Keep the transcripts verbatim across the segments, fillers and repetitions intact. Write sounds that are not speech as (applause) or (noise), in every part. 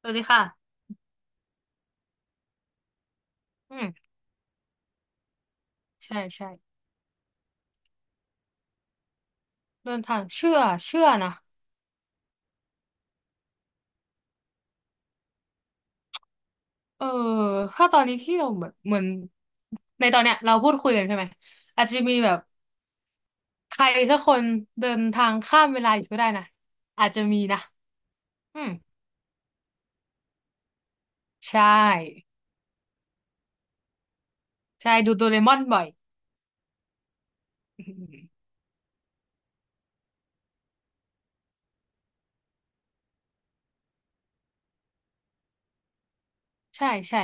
สวัสดีค่ะอืมใช่ใช่ เดินทางเชื่อเชื่อนะ เออ ถ้าตอนนี้ที่เราเหมือนเหมือนในตอนเนี้ยเราพูดคุยกันใช่ไหม อาจจะมีแบบใครสักคนเดินทางข้ามเวลาอยู่ก็ได้นะ อาจจะมีนะอืมใช่ ใช่ดูโดเรมอนบ่อย (laughs) อืมใช่ใช่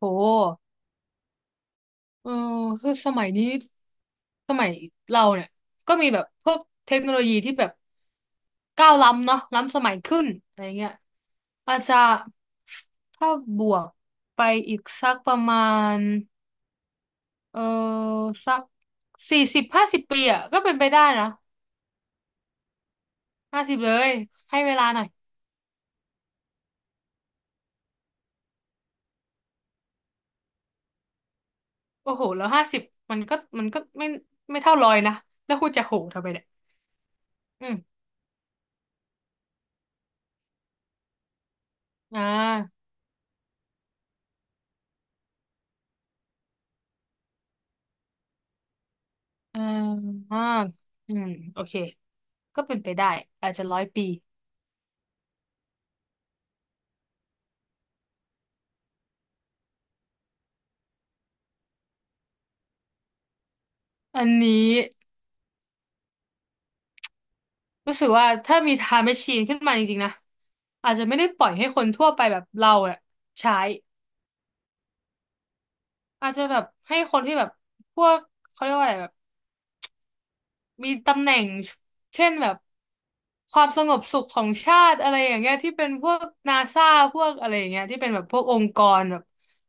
โห เออคือสมัยนี้สมัยเราเนี่ยก็มีแบบพวกเทคโนโลยีที่แบบก้าวล้ำเนาะล้ำสมัยขึ้นอะไรเงี้ยอาจจะถ้าบวกไปอีกสักประมาณเออสักสี่สิบห้าสิบปีอ่ะก็เป็นไปได้นะห้าสิบเลยให้เวลาหน่อยโอ้โหแล้วห้าสิบมันก็มันก็ไม่ไม่เท่าร้อยนะแล้วคุณจะโหทำไมเนี่ยอืมอ่าอ่าอ่าอืมโอเค ก็เป็นไปได้อาจจะร้อยปีอันนี้รู้สึกว่าถ้ามีไทม์แมชชีนขึ้นมาจริงๆนะอาจจะไม่ได้ปล่อยให้คนทั่วไปแบบเราอะใช้อาจจะแบบให้คนที่แบบพวกเขาเรียกว่าอะไรแบบมีตำแหน่งเช่นแบบความสงบสุขของชาติอะไรอย่างเงี้ยที่เป็นพวกนาซาพวกอะไรอย่างเงี้ยที่เป็นแบบพวกองค์กรแบบ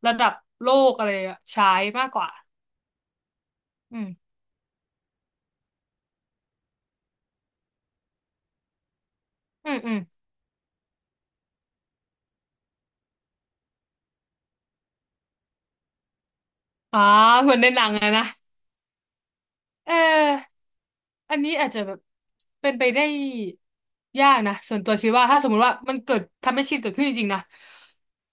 ระดับโลกอะไรอะใช้มากกว่าอืมอืมอืมอ่าเหมือนในหนังอะนะ เออ อันนี้อาจจะแบบเป็นไปได้ยากนะส่วนตัวคิดว่าถ้าสมมุติว่ามันเกิดทำให้ชินเกิดขึ้นจริงๆนะ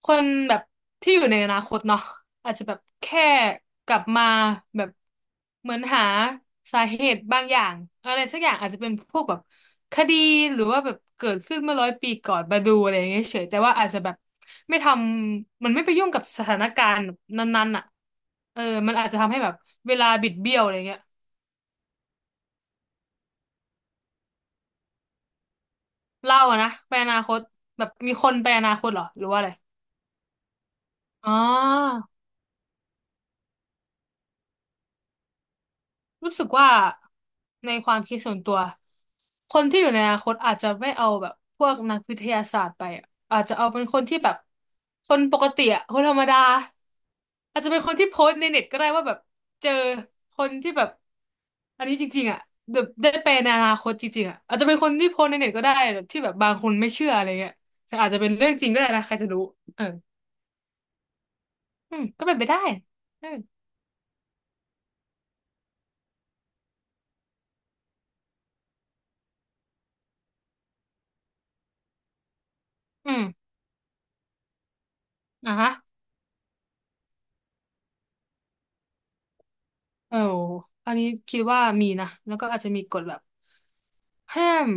คนแบบที่อยู่ในอนาคตเนาะอาจจะแบบแค่กลับมาแบบเหมือนหาสาเหตุบางอย่างอะไรสักอย่างอาจจะเป็นพวกแบบคดีหรือว่าแบบเกิดขึ้นเมื่อร้อยปีก่อนมาดูอะไรอย่างเงี้ยเฉยแต่ว่าอาจจะแบบไม่ทำมันไม่ไปยุ่งกับสถานการณ์นั้นๆอ่ะเออมันอาจจะทำให้แบบเวลาบิดเบี้ยวอะไรเงี้ย เล่าอะนะไปอนาคตแบบมีคนไปอนาคตเหรอหรือว่าอะไรอ๋อรู้สึกว่าในความคิดส่วนตัวคนที่อยู่ในอนาคตอาจจะไม่เอาแบบพวกนักวิทยาศาสตร์ไปอะอาจจะเอาเป็นคนที่แบบคนปกติอะคนธรรมดาอาจจะเป็นคนที่โพสต์ในเน็ตก็ได้ว่าแบบเจอคนที่แบบอันนี้จริงๆอะแบบได้ไปในอนาคตจริงๆอะอาจจะเป็นคนที่โพสต์ในเน็ตก็ได้แบบที่แบบบางคนไม่เชื่ออะไรเงี้ยแต่อาจจะเป็นเรื่องจริงก็ได้นะใครจะรู้เออ อืมก็เป็นไปได้เอออืมอ่ะฮะเอออันนี้คิดว่ามีนะแล้วก็อาจจะมีกฎแบบห้าม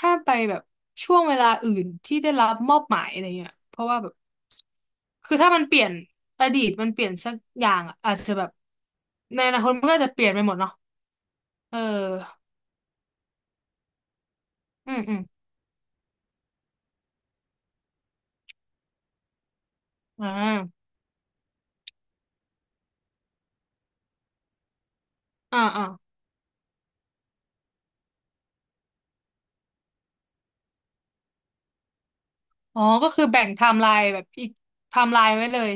ห้ามไปแบบช่วงเวลาอื่นที่ได้รับมอบหมายอะไรเงี้ยเพราะว่าแบบคือถ้ามันเปลี่ยนอดีตมันเปลี่ยนสักอย่างอะอาจจะแบบในอนาคตมันก็จะเปลี่ยนไปหมดเนาะเอออืมอืมอ่าอ่าอ่าอ๋อก็คือแบ่งไทม์ไลน์แบบอีกไทม์ไลน์ไว้เลย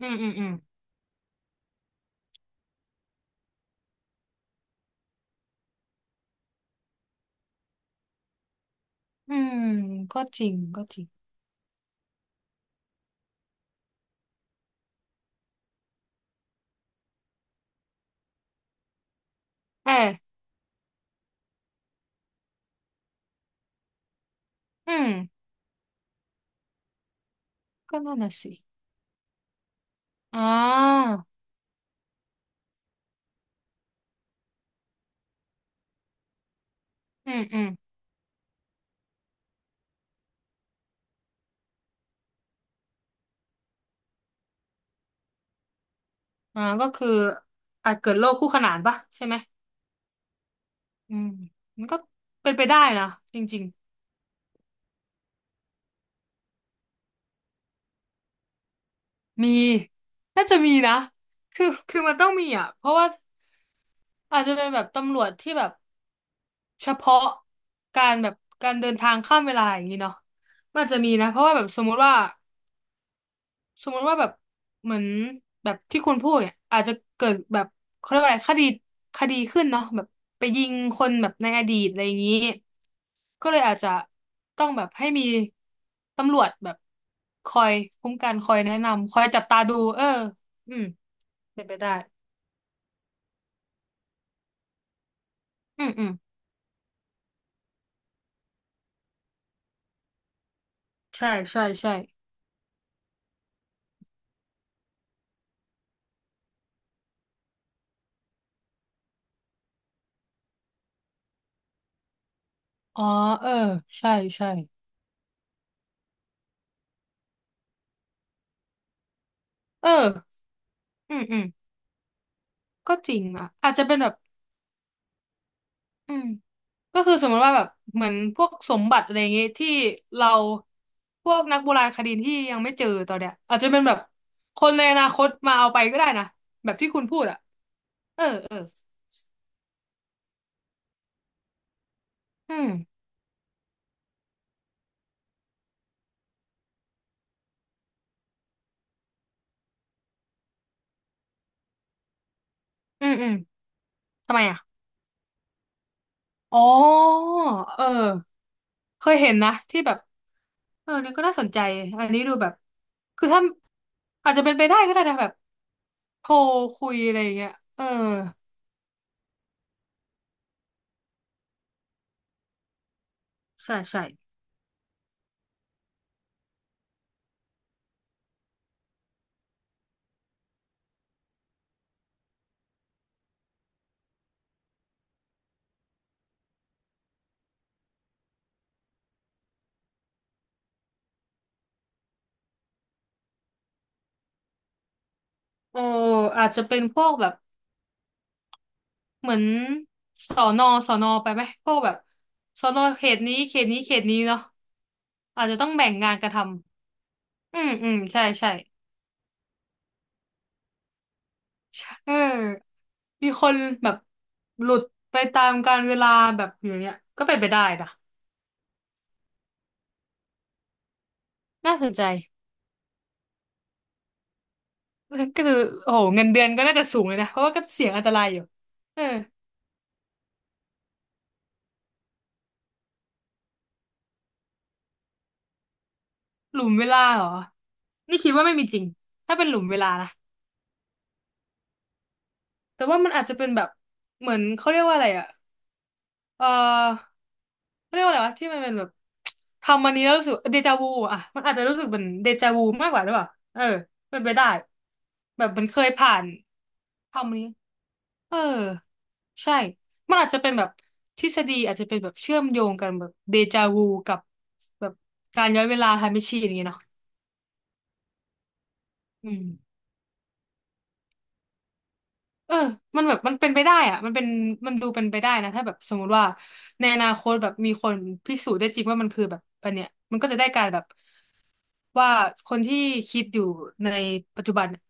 อืมอืมอืมอืมก็จริงก็จริงเอออืมก็นั่นน่ะสิ อ๋ออืมอืมอ่าก็คืออาจเกิดโรคคู่ขนานปะใช่ไหมอืมมันก็เป็นไปได้นะจริงๆมีน่าจะมีนะ คือคือมันต้องมีอ่ะเพราะว่าอาจจะเป็นแบบตำรวจที่แบบเฉพาะการแบบการเดินทางข้ามเวลาอย่างนี้เนาะมันอาจจะมีนะเพราะว่าแบบสมมุติว่าสมมุติว่าแบบเหมือนแบบที่คุณพูดเนี่ยอาจจะเกิดแบบเขาเรียกว่าอะไรคดีคดีขึ้นเนาะแบบไปยิงคนแบบในอดีตอะไรอย่างนี้ ก็เลยอาจจะต้องแบบให้มีตำรวจแบบคอยคุ้มกันคอยแนะนำคอยจับตาดูเอออืมเป็นไปได้อืมอืมใช่ใช่ใช่อ๋อเออใช่ใช่เอออืมอืมก็จริงอ่ะอาจจะเป็นแบบอืมก็คือสมมติว่าแบบเหมือนพวกสมบัติอะไรอย่างเงี้ยที่เราพวกนักโบราณคดีที่ยังไม่เจอตอนเนี้ยอาจจะเป็นแบบคนในอนาคตมาเอาไปก็ได้นะแบบที่คุณพูดอ่ะเออเอออืมอืมอืมทำไมอ่ะ อ๋อเออเคยเห็นนะที่แบบเออนี่ก็น่าสนใจอันนี้ดูแบบคือถ้าอาจจะเป็นไปได้ก็ได้นะแบบโทรคุยอะไรอย่างเงี้ยเออใช่ใช่โอ้อาจจะเป็นพวกแบบเหมือนสอนอสอนอไปไหมพวกแบบสอนอเขตนี้เขตนี้เขตนี้เนาะอาจจะต้องแบ่งงานกันทำอืมอืมใช่ใช่ใช่เออมีคนแบบหลุดไปตามกาลเวลาแบบอย่างเงี้ยก็เป็นไปได้นะน่าสนใจ ก็คือโอ้โหเงินเดือนก็น่าจะสูงเลยนะเพราะว่าก็เสี่ยงอันตรายอยู่เออหลุมเวลาเหรอนี่คิดว่าไม่มีจริงถ้าเป็นหลุมเวลานะแต่ว่ามันอาจจะเป็นแบบเหมือนเขาเรียกว่าอะไรอ่ะเออเขาเรียกว่าอะไรวะที่มันเป็นแบบทำมันนี้แล้วรู้สึกเดจาวูอ่ะมันอาจจะรู้สึกเหมือนเดจาวูมากกว่าหรือเปล่าเออเป็นไปได้แบบมันเคยผ่านทำมันนี้ เออใช่มันอาจจะเป็นแบบทฤษฎีอาจจะเป็นแบบเชื่อมโยงกันแบบเดจาวูกับแบบการย้อนเวลาไทม์แมชชีนอย่างเงี้ยเนาะอืมเออมันแบบมันเป็นไปได้อะมันเป็นมันดูเป็นไปได้นะถ้าแบบสมมุติว่าในอนาคตแบบมีคนพิสูจน์ได้จริงว่ามันคือแบบอันเนี้ยมันก็จะได้การแบบว่าคนที่คิดอยู่ในปัจจุบันเนี่ย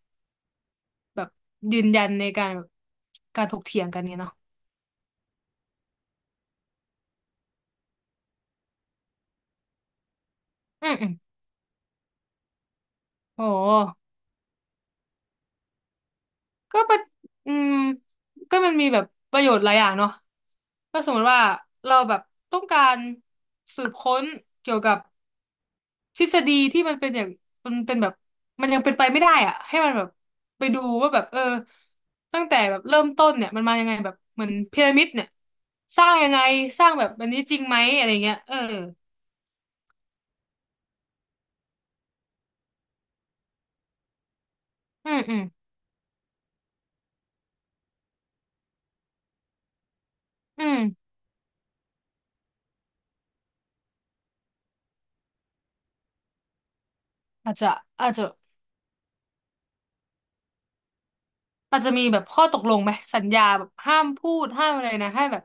แบบยืนยันในการแบบการถกเถียงกันเนี่ยเนาะอืมอืมโอ้ ก็ประอืมก็มันมีแบบประโยชน์หลายอย่างเนาะก็สมมติว่าเราแบบต้องการสืบค้นเกี่ยวกับทฤษฎีที่มันเป็นอย่างมันเป็นแบบมันยังเป็นไปไม่ได้อะให้มันแบบไปดูว่าแบบเออตั้งแต่แบบเริ่มต้นเนี่ยมันมายังไงแบบเหมือนพีระมิดเนี่ยสร้างยังไงสร้างแบบอันนี้จริงไหมอะไรเงี้ยเอออืมอืมอืมอาจจะอาจจะ อาจจะมีแบบข้อตกลงไหมสัญญาแบบห้ามพูดห้ามอะไรนะให้แบบ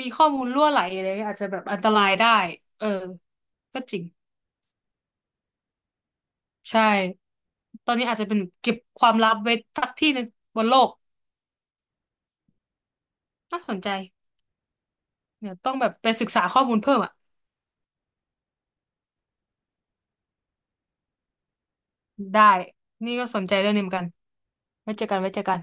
มีข้อมูลรั่วไหลอะไรเงี้ยอาจจะแบบอันตรายได้เออก็จริงใช่ตอนนี้อาจจะเป็นเก็บความลับไว้สักที่หนึงบนโลกน่าสนใจเนี่ยต้องแบบไปศึกษาข้อมูลเพิ่มอ่ะได้นี่ก็สนใจเรื่องนี้เหมือนกันไว้เจอกันไว้เจอกัน